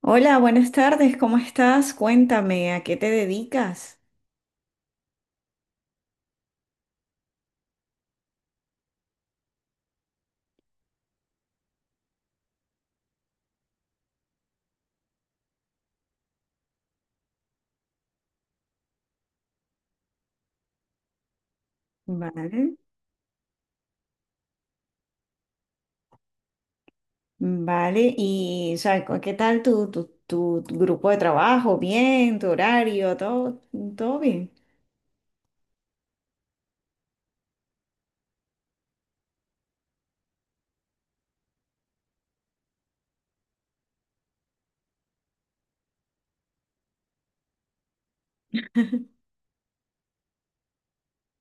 Hola, buenas tardes, ¿cómo estás? Cuéntame, ¿a qué te dedicas? Vale, vale, ¿qué tal tu, tu grupo de trabajo? ¿Bien? ¿Tu horario? ¿Todo, todo bien?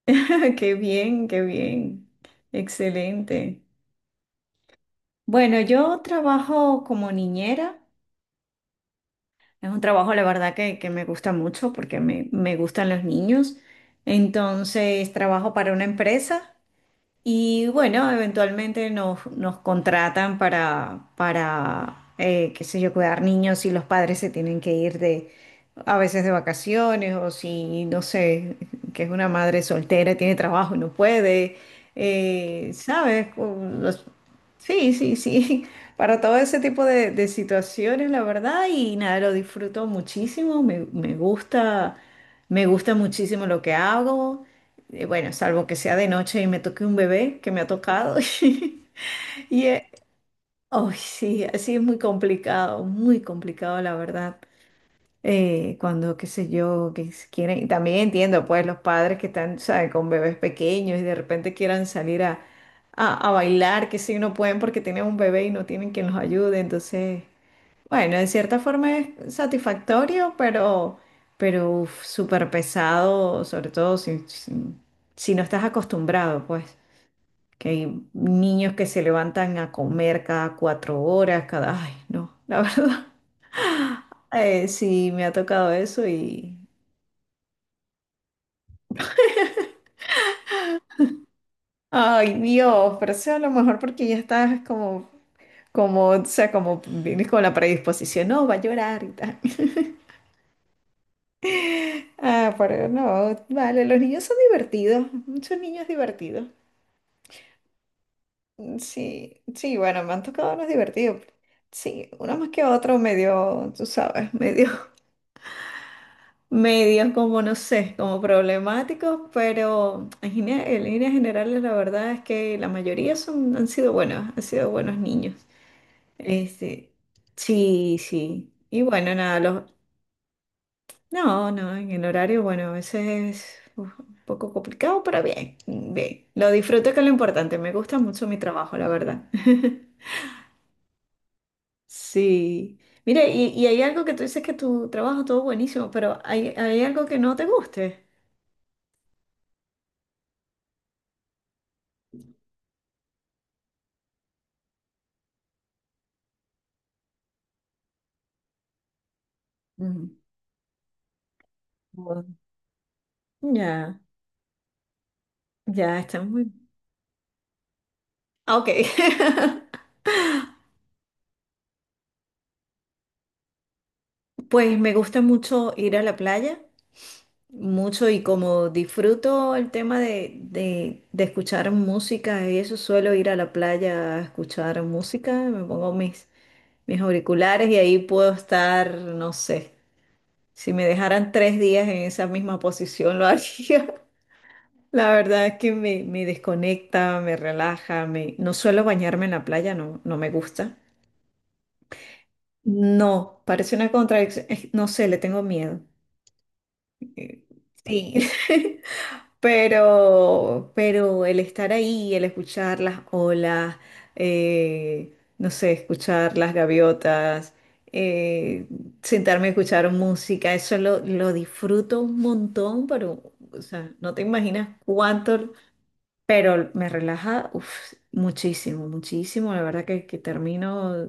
Qué bien, excelente. Bueno, yo trabajo como niñera, es un trabajo la verdad que me gusta mucho porque me gustan los niños, entonces trabajo para una empresa. Y bueno, eventualmente nos contratan para qué sé yo, cuidar niños y los padres se tienen que ir de, a veces de vacaciones o si, no sé, que es una madre soltera, y tiene trabajo y no puede, ¿sabes? Sí, sí, sí, para todo ese tipo de situaciones, la verdad, y nada, lo disfruto muchísimo, me gusta, me gusta muchísimo lo que hago. Bueno, salvo que sea de noche y me toque un bebé que me ha tocado. Y eh, ay, sí, así es muy complicado, la verdad. Cuando, qué sé yo, quieren. Y también entiendo, pues, los padres que están, ¿sabes?, con bebés pequeños y de repente quieran salir a bailar, que sí, no pueden porque tienen un bebé y no tienen quien los ayude. Entonces. Bueno, de cierta forma es satisfactorio, pero uf, súper pesado, sobre todo si no estás acostumbrado, pues, que hay niños que se levantan a comer cada cuatro horas, Ay, no, la verdad. Sí, me ha tocado eso y... Ay, Dios, pero sea a lo mejor porque ya estás como, o sea, como vienes con la predisposición, no, va a llorar y tal. Ah, pero no, vale, los niños son divertidos, son niños divertidos. Sí, sí, bueno, me han tocado unos divertidos. Sí, uno más que otro medio, tú sabes, medio, medio como no sé, como problemáticos, pero en líneas generales la verdad es que la mayoría son, han sido buenos niños. Este, sí, sí. Y bueno, nada, no, no, en el horario, bueno, a veces es uf, un poco complicado, pero bien, bien. Lo disfruto que es lo importante, me gusta mucho mi trabajo, la verdad. Sí. Mire, y hay algo que tú dices que tu trabajo todo buenísimo, pero hay algo que no te guste. Mm, bueno. Ya, ya está muy... Ah, ok. Pues me gusta mucho ir a la playa, mucho y como disfruto el tema de escuchar música y eso, suelo ir a la playa a escuchar música, me pongo mis, mis auriculares y ahí puedo estar, no sé, si me dejaran tres días en esa misma posición lo haría. La verdad es que me desconecta, me relaja, me... No suelo bañarme en la playa, no, no me gusta. No, parece una contradicción, no sé, le tengo miedo. Eh, Sí, pero el estar ahí, el escuchar las olas, eh, no sé, escuchar las gaviotas, eh, sentarme a escuchar música, eso lo disfruto un montón, pero, o sea, no te imaginas cuánto. Pero me relaja, uf, muchísimo, muchísimo. La verdad que termino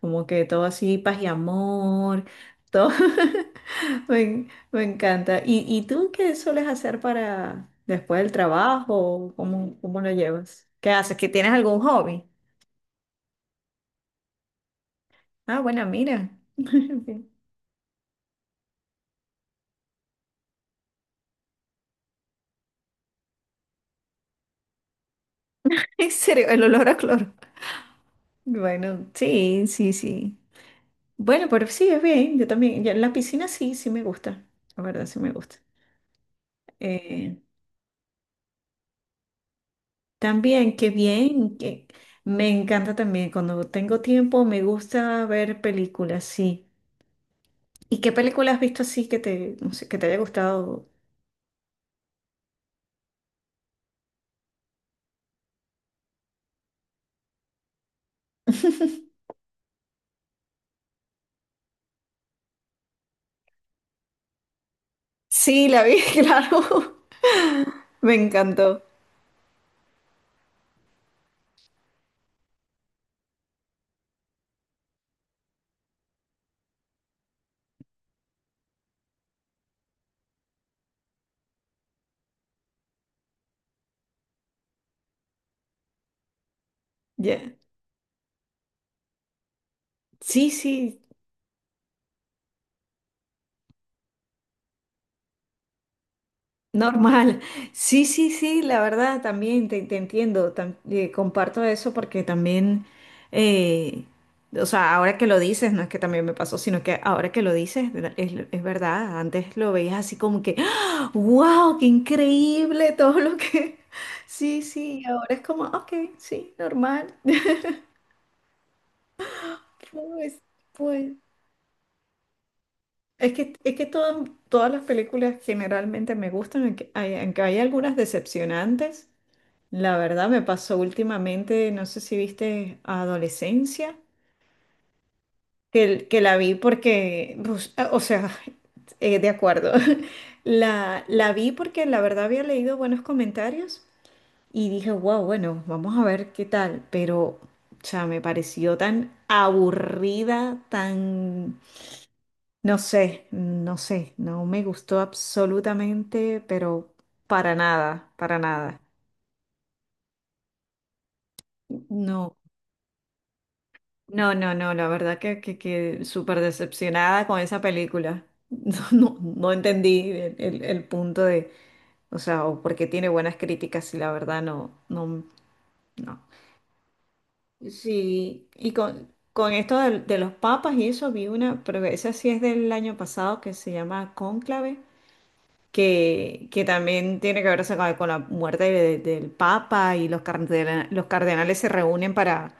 como que todo así, paz y amor, todo. Me encanta. Y tú qué sueles hacer para después del trabajo? ¿Cómo, cómo lo llevas? ¿Qué haces? ¿Que tienes algún hobby? Ah, bueno, mira. Bien. En serio, el olor a cloro. Bueno, sí, sí, sí. Bueno, pero sí, es bien. Yo también, yo en la piscina sí, sí me gusta. La verdad, sí me gusta. Eh, También, qué bien, que me encanta también cuando tengo tiempo, me gusta ver películas, sí. ¿Y qué película has visto así que te, no sé, que te haya gustado? Sí, la vi, claro. Me encantó. Ya. Sí, sí, normal. Sí, sí, sí, la verdad también te entiendo. Comparto eso porque también, eh, o sea, ahora que lo dices, no es que también me pasó, sino que ahora que lo dices, es verdad. Antes lo veías así como que, wow, qué increíble todo lo que... Sí, sí, ahora es como, ok, sí, normal. Pues, pues, es que todas las películas generalmente me gustan, aunque hay algunas decepcionantes. La verdad me pasó últimamente, no sé si viste Adolescencia, que la vi porque, pues, ah, o sea, de acuerdo, la vi porque la verdad había leído buenos comentarios y dije, wow, bueno, vamos a ver qué tal, pero, o sea, me pareció tan aburrida, tan, no sé, no sé, no me gustó absolutamente, pero para nada, para nada. No. No, no, no, la verdad que súper decepcionada con esa película. No, no, no entendí el punto de, o sea, o porque tiene buenas críticas y la verdad no, no, no. Sí, con esto los papas y eso vi una, pero esa sí es del año pasado que se llama Cónclave, que también tiene que ver o sea, con la muerte del papa y los cardenales se reúnen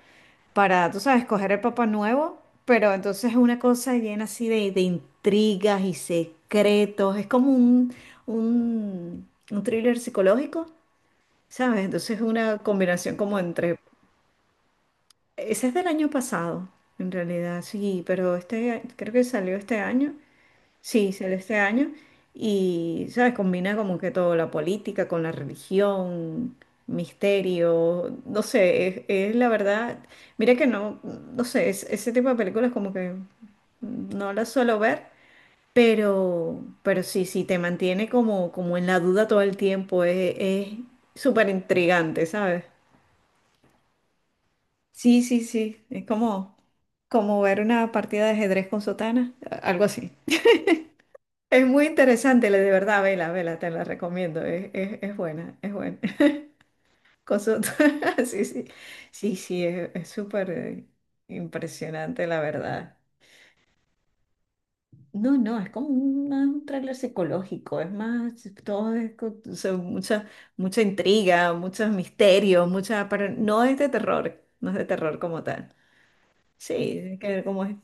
para, tú sabes, coger el papá nuevo, pero entonces es una cosa llena así de intrigas y secretos, es como un thriller psicológico, ¿sabes? Entonces es una combinación como entre... Ese es del año pasado, en realidad, sí, pero este creo que salió este año. Sí, sale este año y, ¿sabes? Combina como que todo, la política con la religión, misterio, no sé, es la verdad, mira que no, no sé, ese tipo de películas como que no las suelo ver, pero sí, sí, te mantiene como, como en la duda todo el tiempo, es súper intrigante, ¿sabes? Sí, sí, sí, es como, como ver una partida de ajedrez con sotana, algo así. Es muy interesante, de verdad, vela, vela, te la recomiendo, es buena, es buena. Con su- Sí, sí, sí, sí, es súper impresionante, la verdad. No, no, es como un, más un tráiler psicológico, es más, todo es, o sea, mucha, mucha intriga, muchos misterios, mucha, pero no es de terror, no es de terror como tal. Sí, hay que ver cómo es.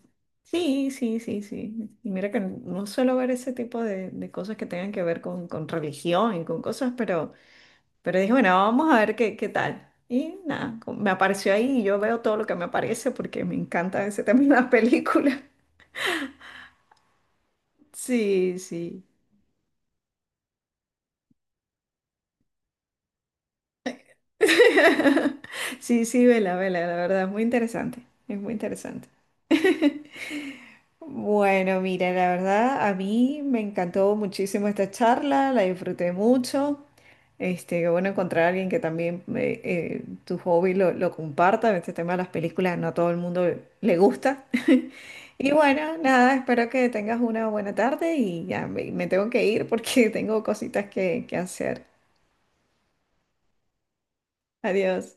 Sí, sí, sí, sí. Y mira que no suelo ver ese tipo de cosas que tengan que ver con religión y con cosas, pero dije, bueno, vamos a ver qué, qué tal. Y nada, me apareció ahí y yo veo todo lo que me aparece porque me encanta ese tema en las películas. Sí, sí. Sí, sí, vela, vela, la verdad, es muy interesante. Es muy interesante. Bueno, mira, la verdad a mí me encantó muchísimo esta charla, la disfruté mucho. Este, qué bueno encontrar a alguien que también tu hobby lo comparta. Este tema de las películas no a todo el mundo le gusta. Y bueno, nada, espero que tengas una buena tarde y ya me tengo que ir porque tengo cositas que hacer. Adiós.